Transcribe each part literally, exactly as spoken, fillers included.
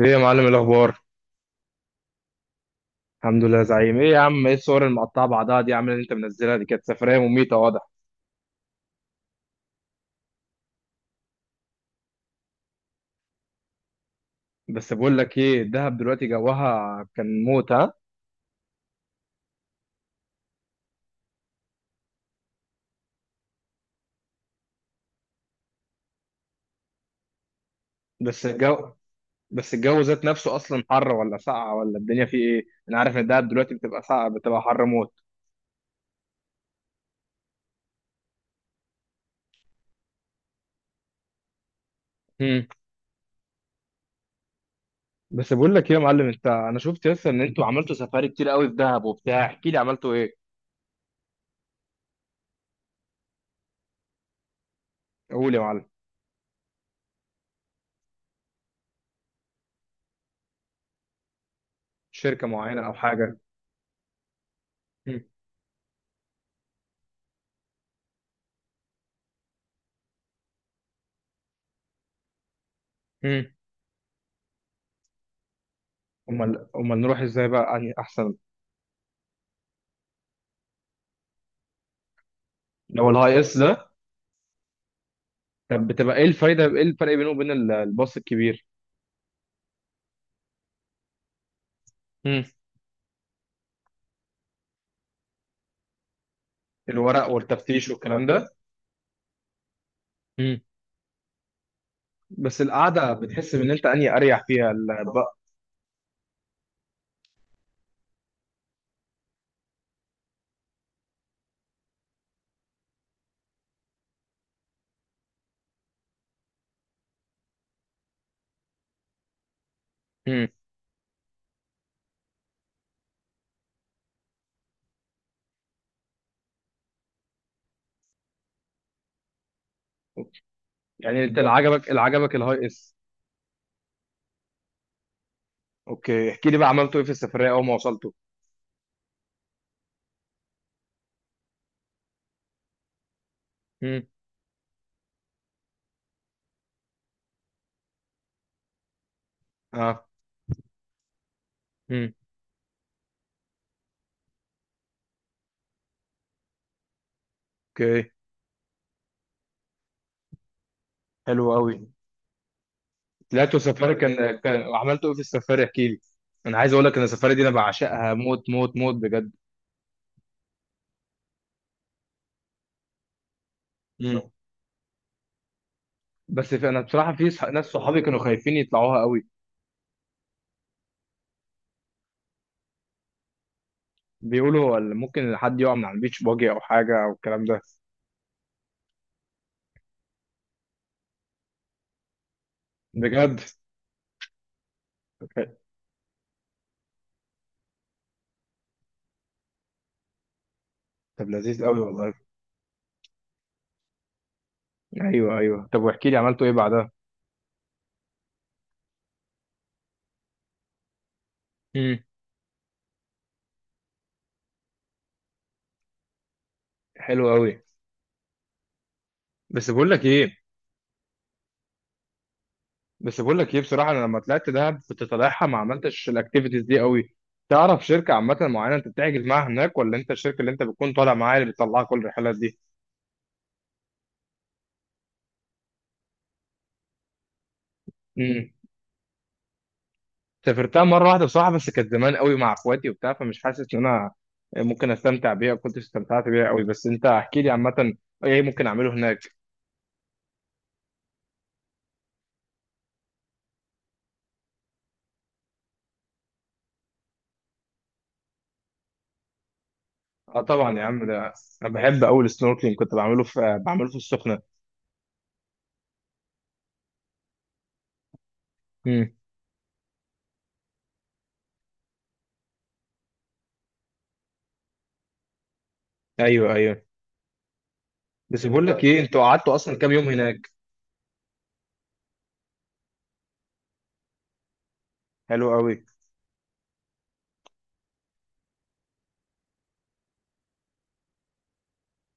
ايه يا معلم الاخبار؟ الحمد لله يا زعيم. ايه يا عم، ايه الصور المقطعه بعضها دي يا عم اللي انت منزلها دي؟ كانت سفريه مميته واضح. بس بقول لك ايه، الدهب دلوقتي جوها كان موت، ها؟ بس الجو بس الجو ذات نفسه اصلا، حر ولا ساقعه ولا الدنيا فيه ايه؟ انا عارف ان الدهب دلوقتي بتبقى ساقعه بتبقى حر موت. هم. بس بقول لك ايه يا معلم. انت انا شفت لسه ان انتوا عملتوا سفاري كتير قوي في دهب وبتاع. احكي لي عملتوا ايه؟ قول يا معلم. شركه معينه او حاجه؟ هم. هم. امال امال نروح ازاي بقى يعني احسن؟ لو الهاي اس ده؟ طب بتبقى ايه الفايده، ايه الفرق بينه وبين ال- الباص الكبير؟ امم. الورق والتفتيش والكلام ده. امم. بس القعده بتحس ان انت اني اريح فيها ال- بقى- امم. يعني انت اللي عجبك اللي عجبك الهاي اس؟ اوكي، احكي لي بقى عملته ايه في السفريه اول ما وصلته؟ امم. اه. امم. اوكي. حلو قوي. طلعتوا سفاري، كان كان عملتوا ايه في السفاري؟ احكي لي. انا عايز اقول لك ان السفاري دي انا بعشقها موت موت موت بجد. امم. بس في انا بصراحه، في صح- ناس صحابي كانوا خايفين يطلعوها قوي. بيقولوا هو اللي ممكن حد يقع من على البيتش باجي او حاجه او الكلام ده. بجد؟ طب لذيذ قوي والله. ايوه، ايوه، طب واحكي لي عملتوا ايه بعدها؟ امم. حلو قوي. بس بقول لك ايه بس بقول لك ايه بصراحه، انا لما طلعت دهب كنت طالعها ما عملتش الاكتيفيتيز دي قوي. تعرف شركه عامه معينه انت بتحجز معاها هناك، ولا انت الشركه اللي انت بتكون طالع معاها اللي بتطلعها كل الرحلات؟ دي سافرتها مرة واحدة بصراحة، بس كانت زمان قوي مع اخواتي وبتاع، فمش حاسس ان انا ممكن استمتع بيها. كنت استمتعت بيها قوي. بس انت احكي لي عامة، ايه ممكن اعمله هناك؟ اه طبعا يا عم ده، انا بحب قوي السنوركلينج، كنت بعمله في بعمله في السخنة. امم. ايوه ايوه. بس بقول لك ايه، انتوا قعدتوا اصلا كام يوم هناك؟ حلو قوي.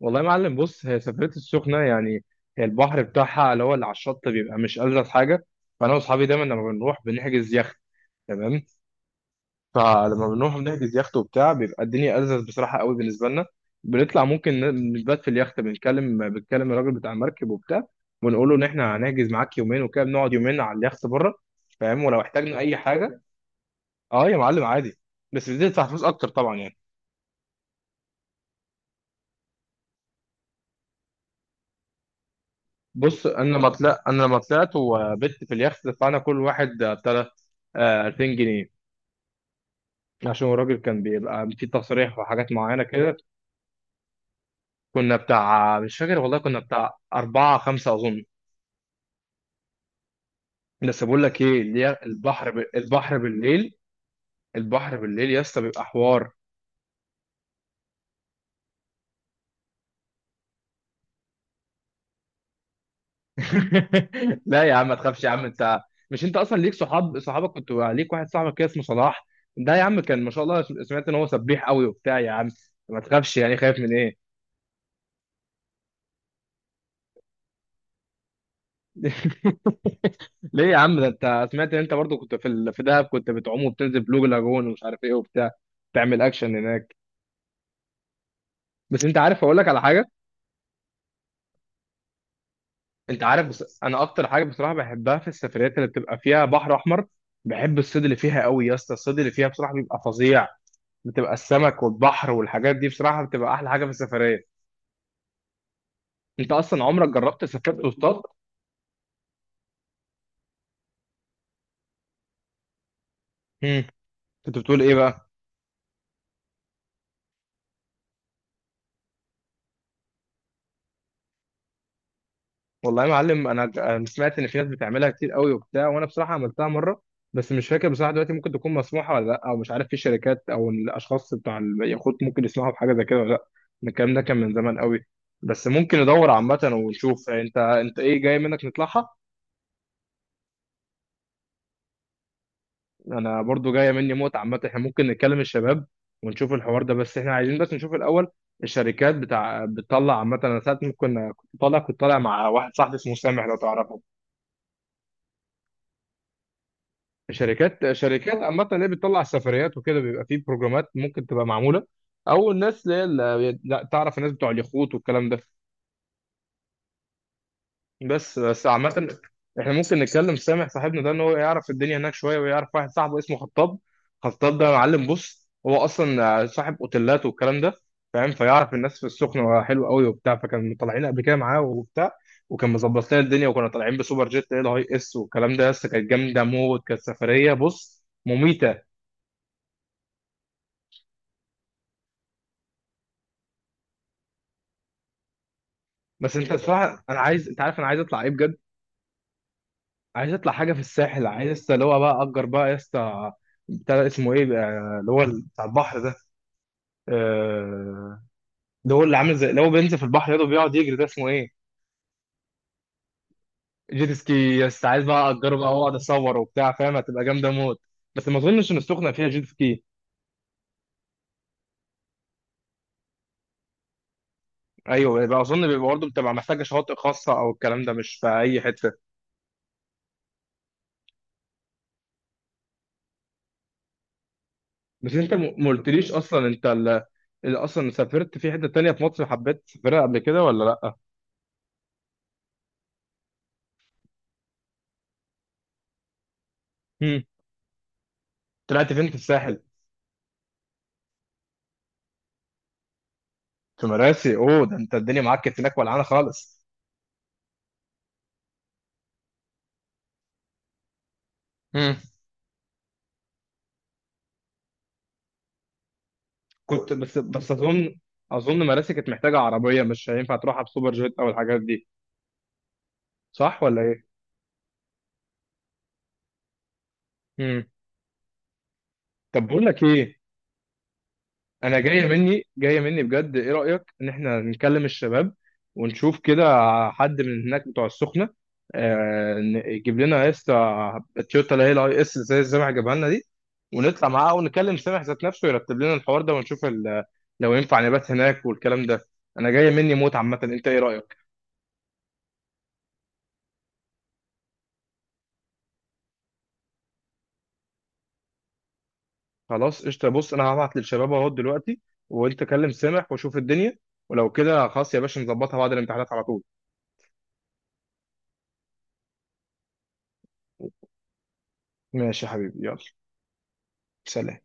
والله يا معلم، بص هي سفرية السخنة يعني. هي البحر بتاعها اللي هو اللي على الشط بيبقى مش ألذ حاجة. فانا واصحابي دايما لما بنروح بنحجز يخت. تمام. فلما بنروح بنحجز يخت وبتاع بيبقى الدنيا ألذذ بصراحة قوي بالنسبة لنا. بنطلع ممكن ن- نبات في اليخت، بنتكلم بنتكلم الراجل بتاع المركب وبتاع، ونقول له إن إحنا هنحجز معاك يومين وكده، بنقعد يومين على اليخت بره، فاهم، ولو احتاجنا أي حاجة. أه يا معلم عادي. بس بتدفع فلوس أكتر طبعا يعني. بص أنا لما طلعت أنا لما طلعت وبت في اليخت، دفعنا كل واحد آه، بتاع ده، آه، ألفين جنيه، عشان الراجل كان بيبقى في تصريح وحاجات معينة كده. كنا بتاع مش فاكر والله، كنا بتاع أربعة خمسة أظن. بس بقول لك ايه اللي هي البحر ب... البحر بالليل. البحر بالليل يا اسطى بيبقى حوار. لا يا عم ما تخافش يا عم انت. مش انت اصلا ليك صحاب صحابك، كنت ليك واحد صاحبك كده اسمه صلاح. ده يا عم كان ما شاء الله، سمعت ان هو سبيح قوي وبتاع يا عم. ما تخافش يعني، خايف من ايه؟ ليه يا عم ده، انت سمعت ان انت برضو كنت في ال... في دهب، كنت بتعوم وبتنزل بلو لاجون ومش عارف ايه وبتاع، تعمل اكشن هناك. بس انت عارف اقول لك على حاجه؟ انت عارف، بس انا اكتر حاجه بصراحه بحبها في السفريات اللي بتبقى فيها بحر احمر، بحب الصيد اللي فيها قوي يا اسطى. الصيد اللي فيها بصراحه بيبقى فظيع. بتبقى السمك والبحر والحاجات دي بصراحه بتبقى احلى حاجه في السفريه. انت اصلا عمرك جربت سافرت اصطاد؟ امم. كنت بتقول ايه بقى؟ والله يا معلم، انا ج- أنا سمعت ان في ناس بتعملها كتير قوي وبتاع، وانا بصراحه عملتها مره. بس مش فاكر بصراحه دلوقتي ممكن تكون مسموحه ولا لا، او مش عارف في شركات او الاشخاص بتوع اليخوت ممكن يسمعوا بحاجه زي كده ولا لا. الكلام ده كان من زمان قوي. بس ممكن ندور عامه ونشوف، انت انت ايه جاي منك نطلعها. انا برضو جايه مني موت عامه، احنا ممكن نتكلم الشباب ونشوف الحوار ده، بس احنا عايزين بس نشوف الاول الشركات بتاع بتطلع عامه. انا ساعات ممكن كنت طالع كنت طالع مع واحد صاحبي اسمه سامح، لو تعرفه. شركات شركات عامة اللي هي بتطلع السفريات وكده بيبقى فيه بروجرامات ممكن تبقى معمولة، أو الناس اللي هي، اللي- لا تعرف الناس بتوع اليخوت والكلام ده، بس بس عامة. احنا ممكن نتكلم سامح صاحبنا ده إن هو يعرف الدنيا هناك شوية، ويعرف واحد صاحبه اسمه خطاب. خطاب ده معلم، بص هو أصلا صاحب أوتيلات والكلام ده، فاهم، فيعرف الناس في السخنة حلو قوي وبتاع، فكان طالعين قبل كده معاه وبتاع، وكان مظبط لنا الدنيا، وكنا طالعين بسوبر جيت اللي هي الهاي اس والكلام ده، بس كانت جامدة موت. كانت سفرية بص مميتة. بس انت كده بقى الصراحه، انا عايز، انت عارف انا عايز اطلع ايه بجد؟ عايز اطلع حاجه في الساحل، عايز لسه اللي هو بقى اجر بقى يا اسطى، بتاع ده اسمه ايه بقى، اللي هو بتاع البحر ده، آه، اللي هو اللي عامل زي اللي هو بينزل في البحر يده بيقعد يجري، ده اسمه ايه؟ جيت سكي يا اسطى، عايز بقى اجره بقى واقعد اصور وبتاع فاهم، هتبقى جامده موت. بس ما اظنش ان السخنه فيها جيت سكي. ايوه، يبقى اظن بيبقى برضه بتبقى محتاجه شواطئ خاصه او الكلام ده، مش في اي حته. بس انت م- ما قلتليش اصلا، انت اللي اصلا سافرت في حته تانيه في مصر حبيت تسافرها قبل كده ولا لا؟ طلعت فين في الساحل؟ في مراسي؟ اوه، ده انت الدنيا معاك كانت هناك ولعانه خالص. امم. كنت بس بس اظن، اظن مراسي كانت محتاجه عربيه، مش هينفع تروحها بسوبر جيت او الحاجات دي، صح ولا ايه؟ امم. طب بقول لك ايه، انا جايه مني جايه مني بجد، ايه رايك ان احنا نكلم الشباب ونشوف كده حد من هناك بتوع السخنه، آه، ن- يجيب لنا يا اسطى التويوتا اللي هي الاي اس زي سامح جابها لنا دي، ونطلع معاه، ونكلم سامح ذات نفسه يرتب لنا الحوار ده، ونشوف ال- لو ينفع نبات هناك والكلام ده. انا جايه مني موت عامه، انت ايه رايك؟ خلاص قشطه، بص انا هبعت للشباب اهو دلوقتي، وانت كلم سامح وشوف الدنيا، ولو كده خلاص يا باشا، نظبطها بعد الامتحانات على طول. ماشي يا حبيبي، يلا، سلام.